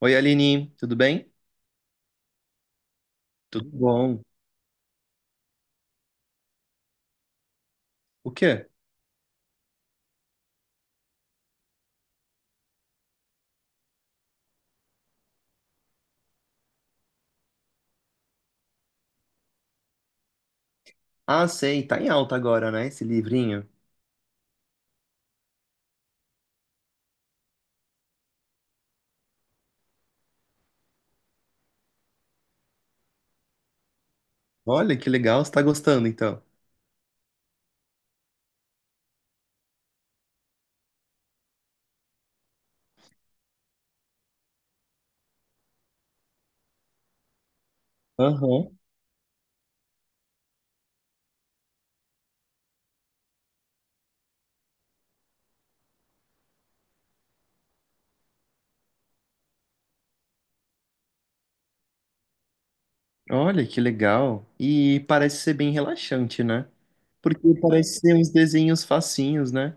Oi, Aline, tudo bem? Tudo bom. O quê? Ah, sei, tá em alta agora, né, esse livrinho. Olha que legal, você tá gostando então. Aham. Olha que legal. E parece ser bem relaxante, né? Porque parece ser uns desenhos facinhos, né?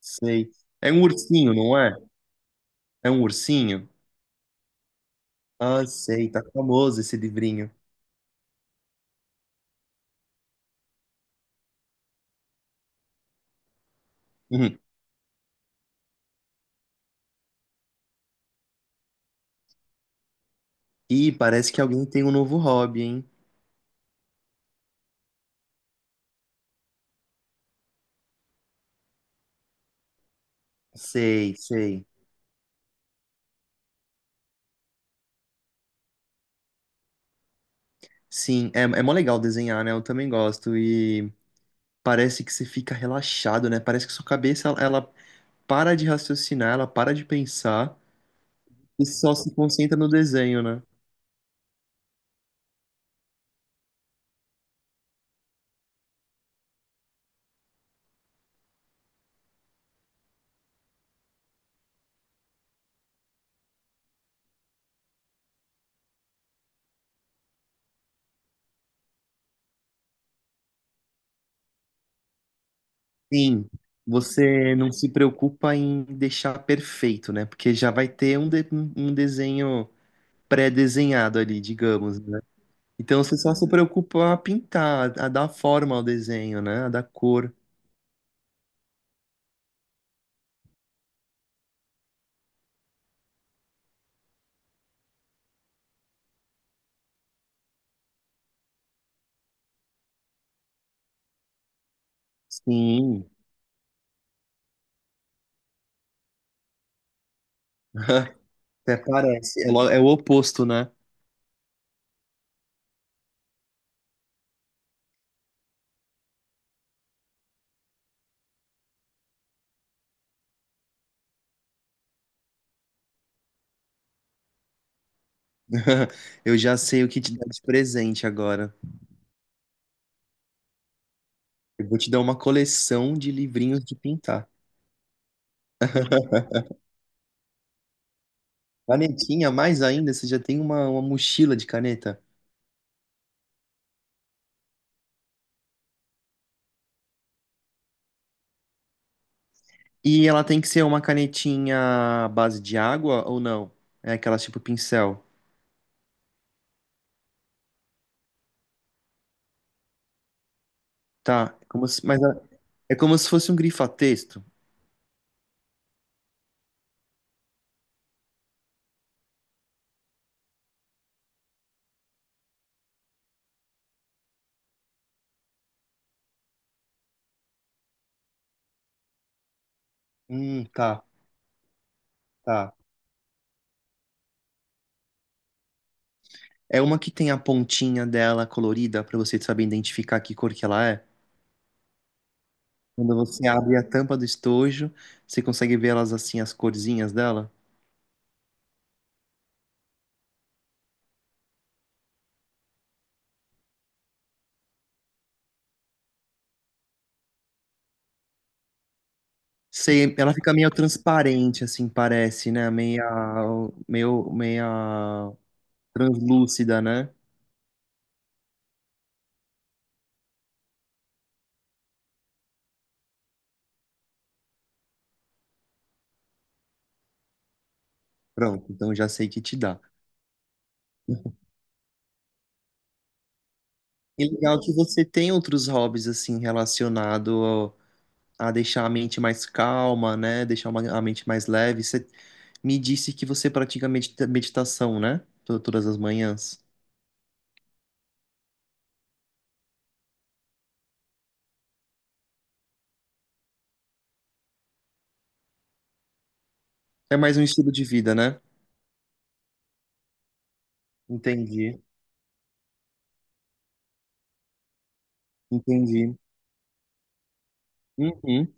Sei. É um ursinho, não é? É um ursinho? Ah, sei, tá famoso esse livrinho. Uhum. E parece que alguém tem um novo hobby, hein? Sei, sei. Sim, é, é mó legal desenhar, né? Eu também gosto. E parece que você fica relaxado, né? Parece que sua cabeça ela para de raciocinar, ela para de pensar e só se concentra no desenho, né? Sim, você não se preocupa em deixar perfeito, né? Porque já vai ter um desenho pré-desenhado ali, digamos, né? Então você só se preocupa a pintar, a dar forma ao desenho, né? A dar cor. Sim, até parece. É é o oposto, né? Eu já sei o que te dar de presente agora. Eu vou te dar uma coleção de livrinhos de pintar. Canetinha, mais ainda, você já tem uma mochila de caneta. E ela tem que ser uma canetinha à base de água ou não? É aquela tipo pincel. Tá, é como se, é como se fosse um grifa-texto. Tá, tá. É uma que tem a pontinha dela colorida pra você saber identificar que cor que ela é. Quando você abre a tampa do estojo, você consegue ver elas assim, as corzinhas dela? Sei, ela fica meio transparente, assim, parece, né? Meia translúcida, né? Pronto, então já sei que te dá. E legal que você tem outros hobbies, assim, a deixar a mente mais calma, né? Deixar a mente mais leve. Você me disse que você pratica meditação, né? Todas as manhãs. É mais um estilo de vida, né? Entendi, entendi. Uhum.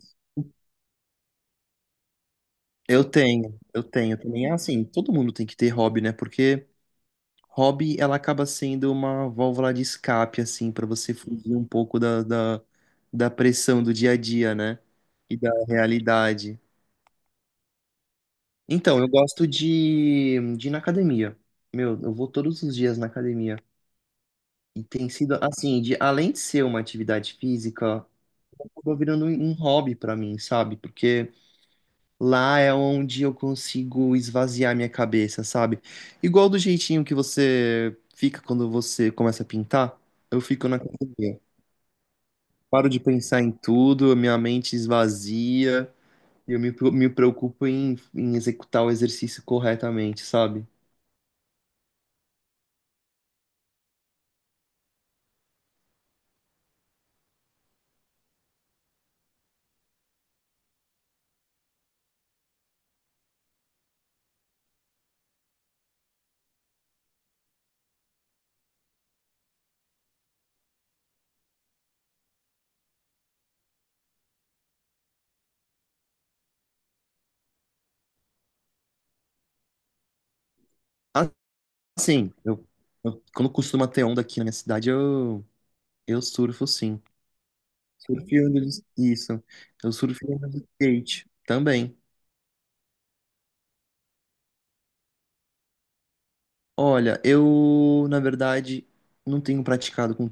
Eu tenho também. É assim, todo mundo tem que ter hobby, né? Porque hobby, ela acaba sendo uma válvula de escape, assim, para você fugir um pouco da pressão do dia a dia, né? E da realidade. Então, eu gosto de ir na academia. Meu, eu vou todos os dias na academia. E tem sido, assim, de, além de ser uma atividade física, acabou virando um hobby para mim, sabe? Porque lá é onde eu consigo esvaziar minha cabeça, sabe? Igual do jeitinho que você fica quando você começa a pintar, eu fico na academia. Paro de pensar em tudo, minha mente esvazia, e eu me preocupo em executar o exercício corretamente, sabe? Assim, eu, quando costuma ter onda aqui na minha cidade, eu surfo sim. Surfo e isso. Eu surfo e ando de skate também. Olha, eu, na verdade, não tenho praticado com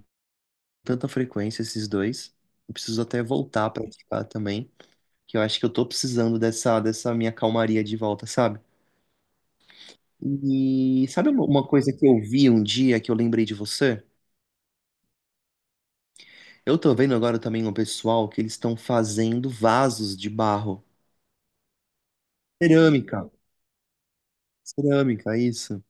tanta frequência esses dois. Eu preciso até voltar a praticar também, que eu acho que eu tô precisando dessa minha calmaria de volta, sabe? E sabe uma coisa que eu vi um dia que eu lembrei de você? Eu tô vendo agora também um pessoal que eles estão fazendo vasos de barro. Cerâmica. Cerâmica, isso.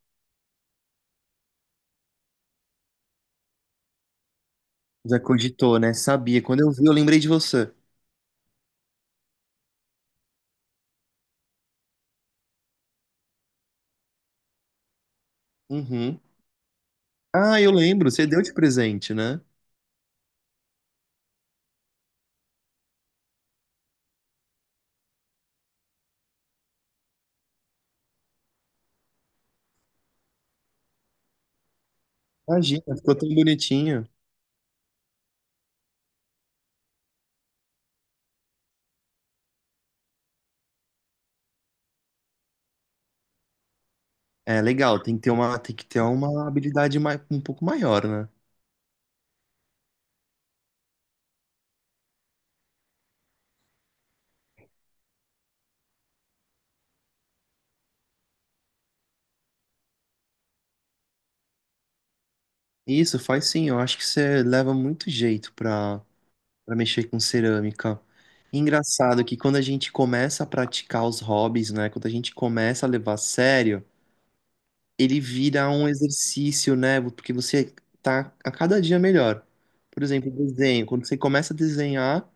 Já cogitou, né? Sabia. Quando eu vi, eu lembrei de você. Uhum. Ah, eu lembro. Você deu de presente, né? Imagina, ficou tão bonitinho. É legal, tem que ter uma, tem que ter uma habilidade um pouco maior, né? Isso, faz sim. Eu acho que você leva muito jeito pra mexer com cerâmica. Engraçado que quando a gente começa a praticar os hobbies, né? Quando a gente começa a levar a sério, ele vira um exercício, né? Porque você tá a cada dia melhor. Por exemplo, desenho. Quando você começa a desenhar,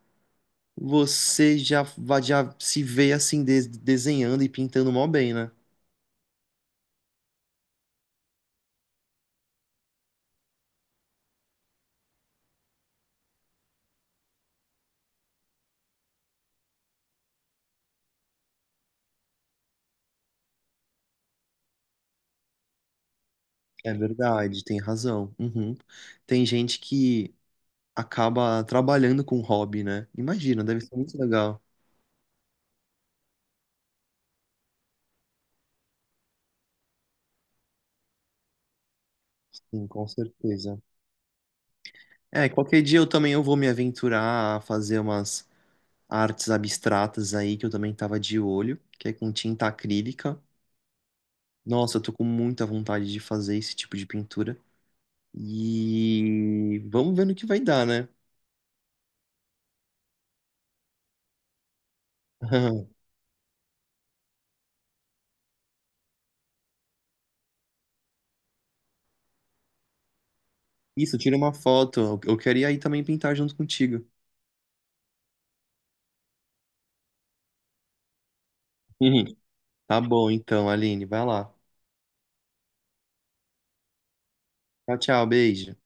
você já, já se vê assim, desenhando e pintando mó bem, né? É verdade, tem razão. Uhum. Tem gente que acaba trabalhando com hobby, né? Imagina, deve ser muito legal. Sim, com certeza. É, qualquer dia eu também eu vou me aventurar a fazer umas artes abstratas aí que eu também tava de olho, que é com tinta acrílica. Nossa, eu tô com muita vontade de fazer esse tipo de pintura. E vamos ver no que vai dar, né? Isso, tira uma foto. Eu queria aí também pintar junto contigo. Uhum. Tá bom, então, Aline, vai lá. Tchau, tchau, beijo.